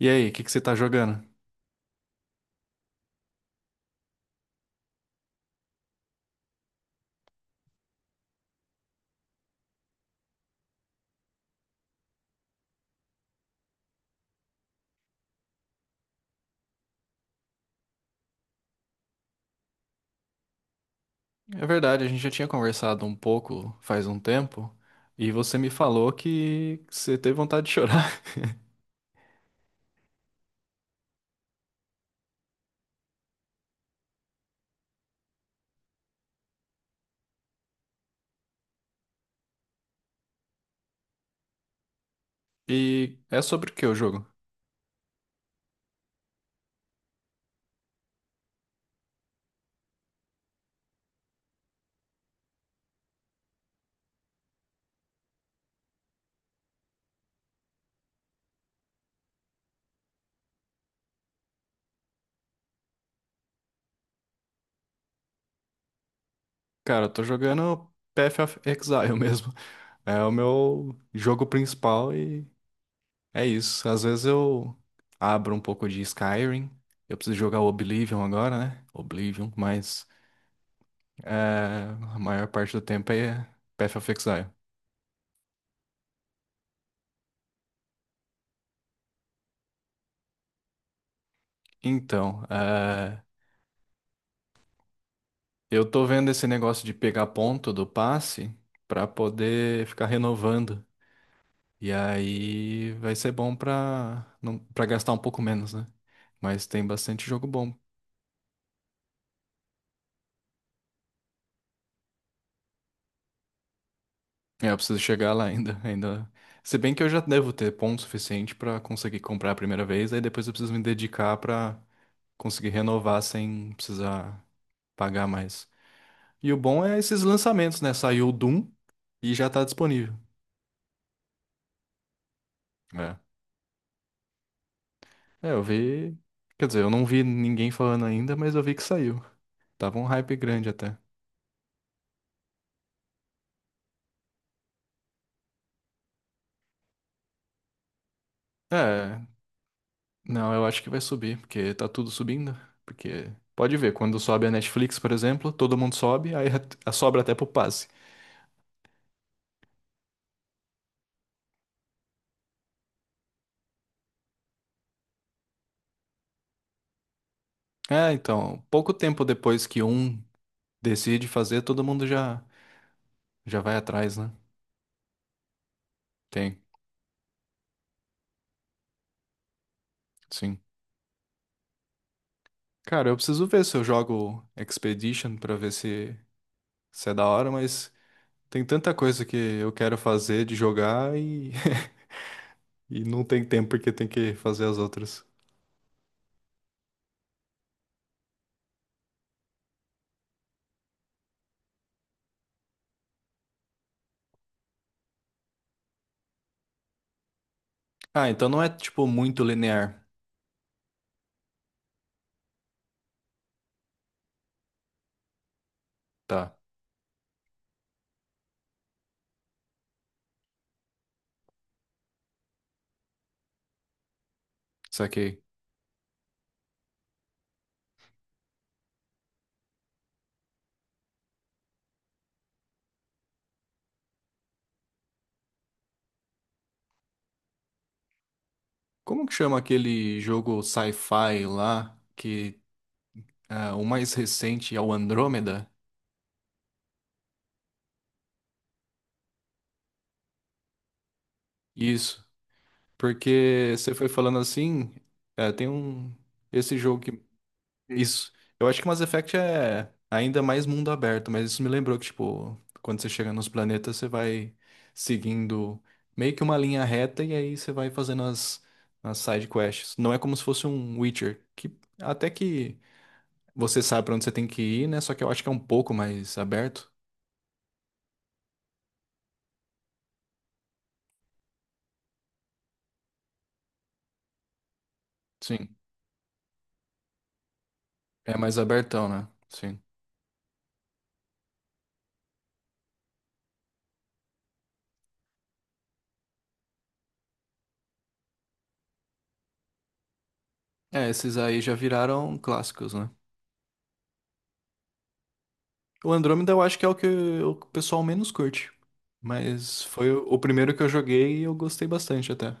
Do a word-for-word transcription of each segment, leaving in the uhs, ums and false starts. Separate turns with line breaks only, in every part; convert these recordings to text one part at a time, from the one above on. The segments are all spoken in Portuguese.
E aí, o que que você tá jogando? É verdade, a gente já tinha conversado um pouco faz um tempo, e você me falou que você teve vontade de chorar. E é sobre o que o jogo? Cara, eu tô jogando Path of Exile mesmo. É o meu jogo principal e é isso. Às vezes eu abro um pouco de Skyrim. Eu preciso jogar o Oblivion agora, né? Oblivion, mas é, a maior parte do tempo é Path of Exile. Então, eh, eu tô vendo esse negócio de pegar ponto do passe pra poder ficar renovando. E aí vai ser bom pra não para gastar um pouco menos, né? Mas tem bastante jogo bom. É, eu preciso chegar lá ainda, ainda. Se bem que eu já devo ter ponto suficiente pra conseguir comprar a primeira vez, aí depois eu preciso me dedicar pra conseguir renovar sem precisar pagar mais. E o bom é esses lançamentos, né? Saiu o Doom e já tá disponível. É. É, eu vi. Quer dizer, eu não vi ninguém falando ainda, mas eu vi que saiu. Tava um hype grande até. É, não, eu acho que vai subir, porque tá tudo subindo. Porque pode ver, quando sobe a Netflix, por exemplo, todo mundo sobe, aí a- sobra até pro passe. É, então, pouco tempo depois que um decide fazer, todo mundo já já vai atrás, né? Tem, sim. Cara, eu preciso ver se eu jogo Expedition pra ver se se é da hora, mas tem tanta coisa que eu quero fazer de jogar e e não tem tempo porque tem que fazer as outras. Ah, então não é tipo muito linear. Tá, saquei. Como que chama aquele jogo sci-fi lá que ah, o mais recente é o Andrômeda? Isso. Porque você foi falando assim, é, tem um esse jogo que isso. Eu acho que Mass Effect é ainda mais mundo aberto, mas isso me lembrou que, tipo, quando você chega nos planetas, você vai seguindo meio que uma linha reta e aí você vai fazendo as, as side quests. Não é como se fosse um Witcher, que até que você sabe pra onde você tem que ir, né? Só que eu acho que é um pouco mais aberto. Sim. É mais abertão, né? Sim. É, esses aí já viraram clássicos, né? O Andrômeda eu acho que é o que o que o pessoal menos curte. Mas foi o o primeiro que eu joguei e eu gostei bastante até.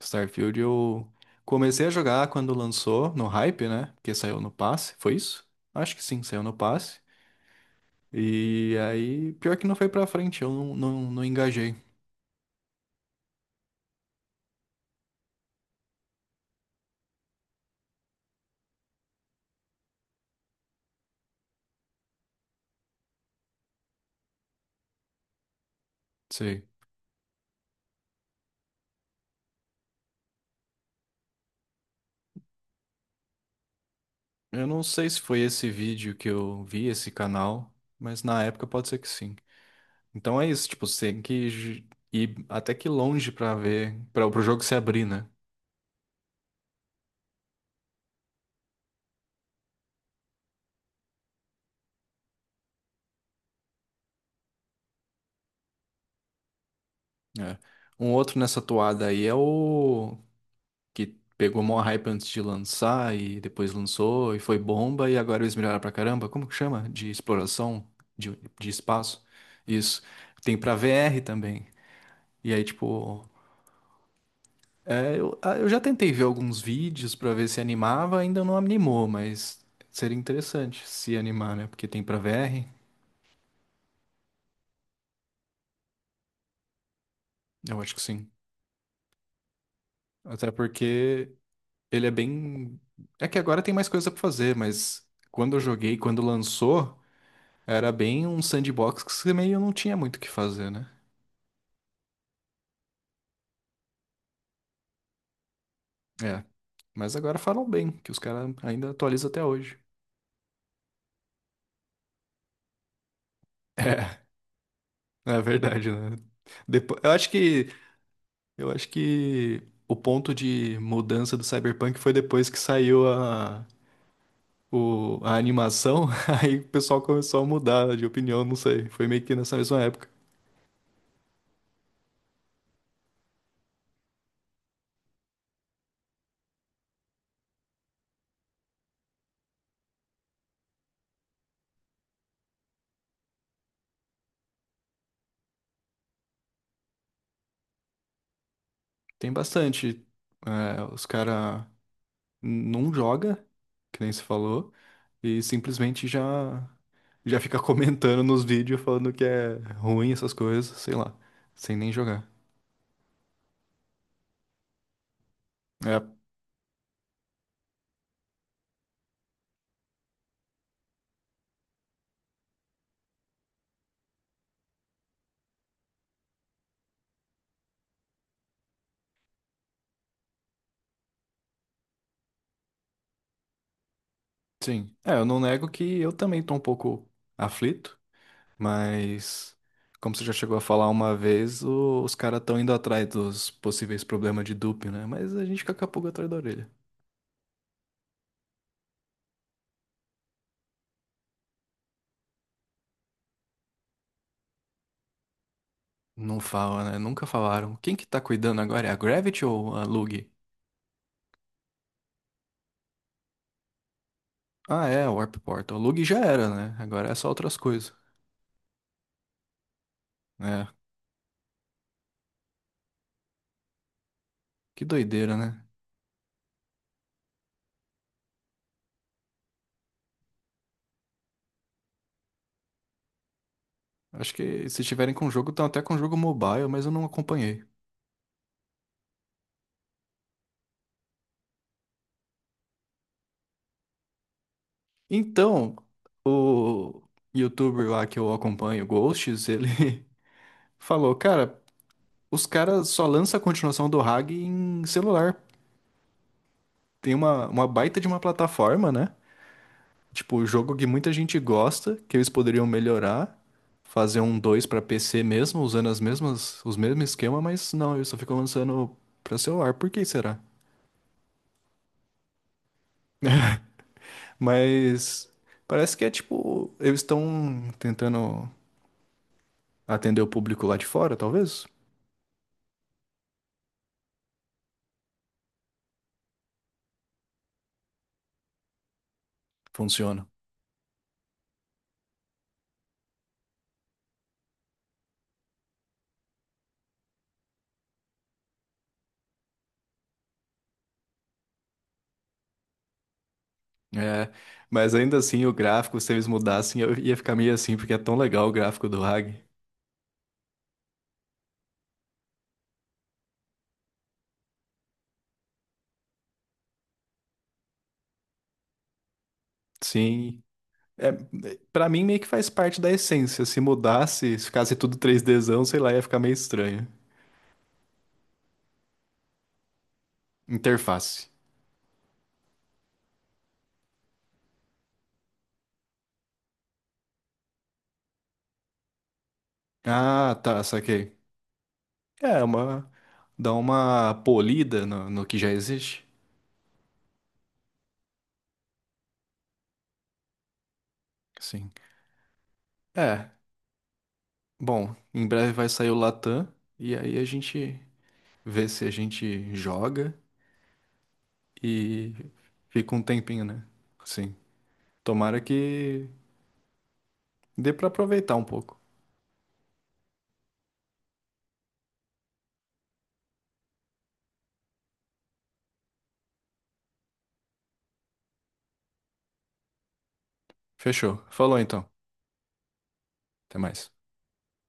Starfield eu comecei a jogar quando lançou, no hype, né? Porque saiu no passe, foi isso? Acho que sim, saiu no passe. E aí, pior que não foi pra frente, eu não, não, não engajei. Sei. Eu não sei se foi esse vídeo que eu vi, esse canal, mas na época pode ser que sim. Então é isso, tipo, você tem que j- ir até que longe pra ver, para o jogo se abrir, né? É. Um outro nessa toada aí é o que pegou maior hype antes de lançar e depois lançou e foi bomba e agora eles melhoraram pra caramba. Como que chama? De exploração de, de espaço. Isso. Tem pra V R também. E aí, tipo, é, eu, ah, eu já tentei ver alguns vídeos pra ver se animava, ainda não animou, mas seria interessante se animar, né? Porque tem pra V R, eu acho que sim. Até porque ele é bem. É que agora tem mais coisa pra fazer, mas quando eu joguei, quando lançou, era bem um sandbox que você meio não tinha muito o que fazer, né? É. Mas agora falam bem, que os caras ainda atualizam até hoje. É, é verdade, né? Depois, eu acho que eu acho que o ponto de mudança do Cyberpunk foi depois que saiu a, o, a animação, aí o pessoal começou a mudar de opinião, não sei. Foi meio que nessa mesma época. Tem bastante. É, os caras não joga, que nem se falou, e simplesmente já já fica comentando nos vídeos falando que é ruim essas coisas, sei lá, sem nem jogar. É, sim. É, eu não nego que eu também tô um pouco aflito, mas como você já chegou a falar uma vez, o- os caras estão indo atrás dos possíveis problemas de dupe, né? Mas a gente fica com a pulga atrás da orelha. Não fala, né? Nunca falaram. Quem que tá cuidando agora? É a Gravity ou a Lug? Ah, é, Warp Portal. Lug já era, né? Agora é só outras coisas. É, que doideira, né? Acho que se tiverem com jogo, estão até com jogo mobile, mas eu não acompanhei. Então, o youtuber lá que eu acompanho, Ghosts, ele falou, cara, os caras só lançam a continuação do Hag em celular. Tem uma, uma baita de uma plataforma, né? Tipo, o jogo que muita gente gosta, que eles poderiam melhorar, fazer um dois pra P C mesmo, usando as mesmas, os mesmos esquema, mas não, eles só ficam lançando pra celular. Por que será? Mas parece que é tipo, eles estão tentando atender o público lá de fora, talvez? Funciona. É, mas ainda assim, o gráfico, se eles mudassem, eu ia ficar meio assim, porque é tão legal o gráfico do Hag. Sim, é, para mim, meio que faz parte da essência. Se mudasse, se ficasse tudo 3Dzão, sei lá, ia ficar meio estranho. Interface. Ah, tá, saquei. É, uma, dá uma polida no, no que já existe. Sim. É, bom, em breve vai sair o Latam, e aí a gente vê se a gente joga e fica um tempinho, né? Sim. Tomara que dê pra aproveitar um pouco. Fechou. Falou então. Até mais.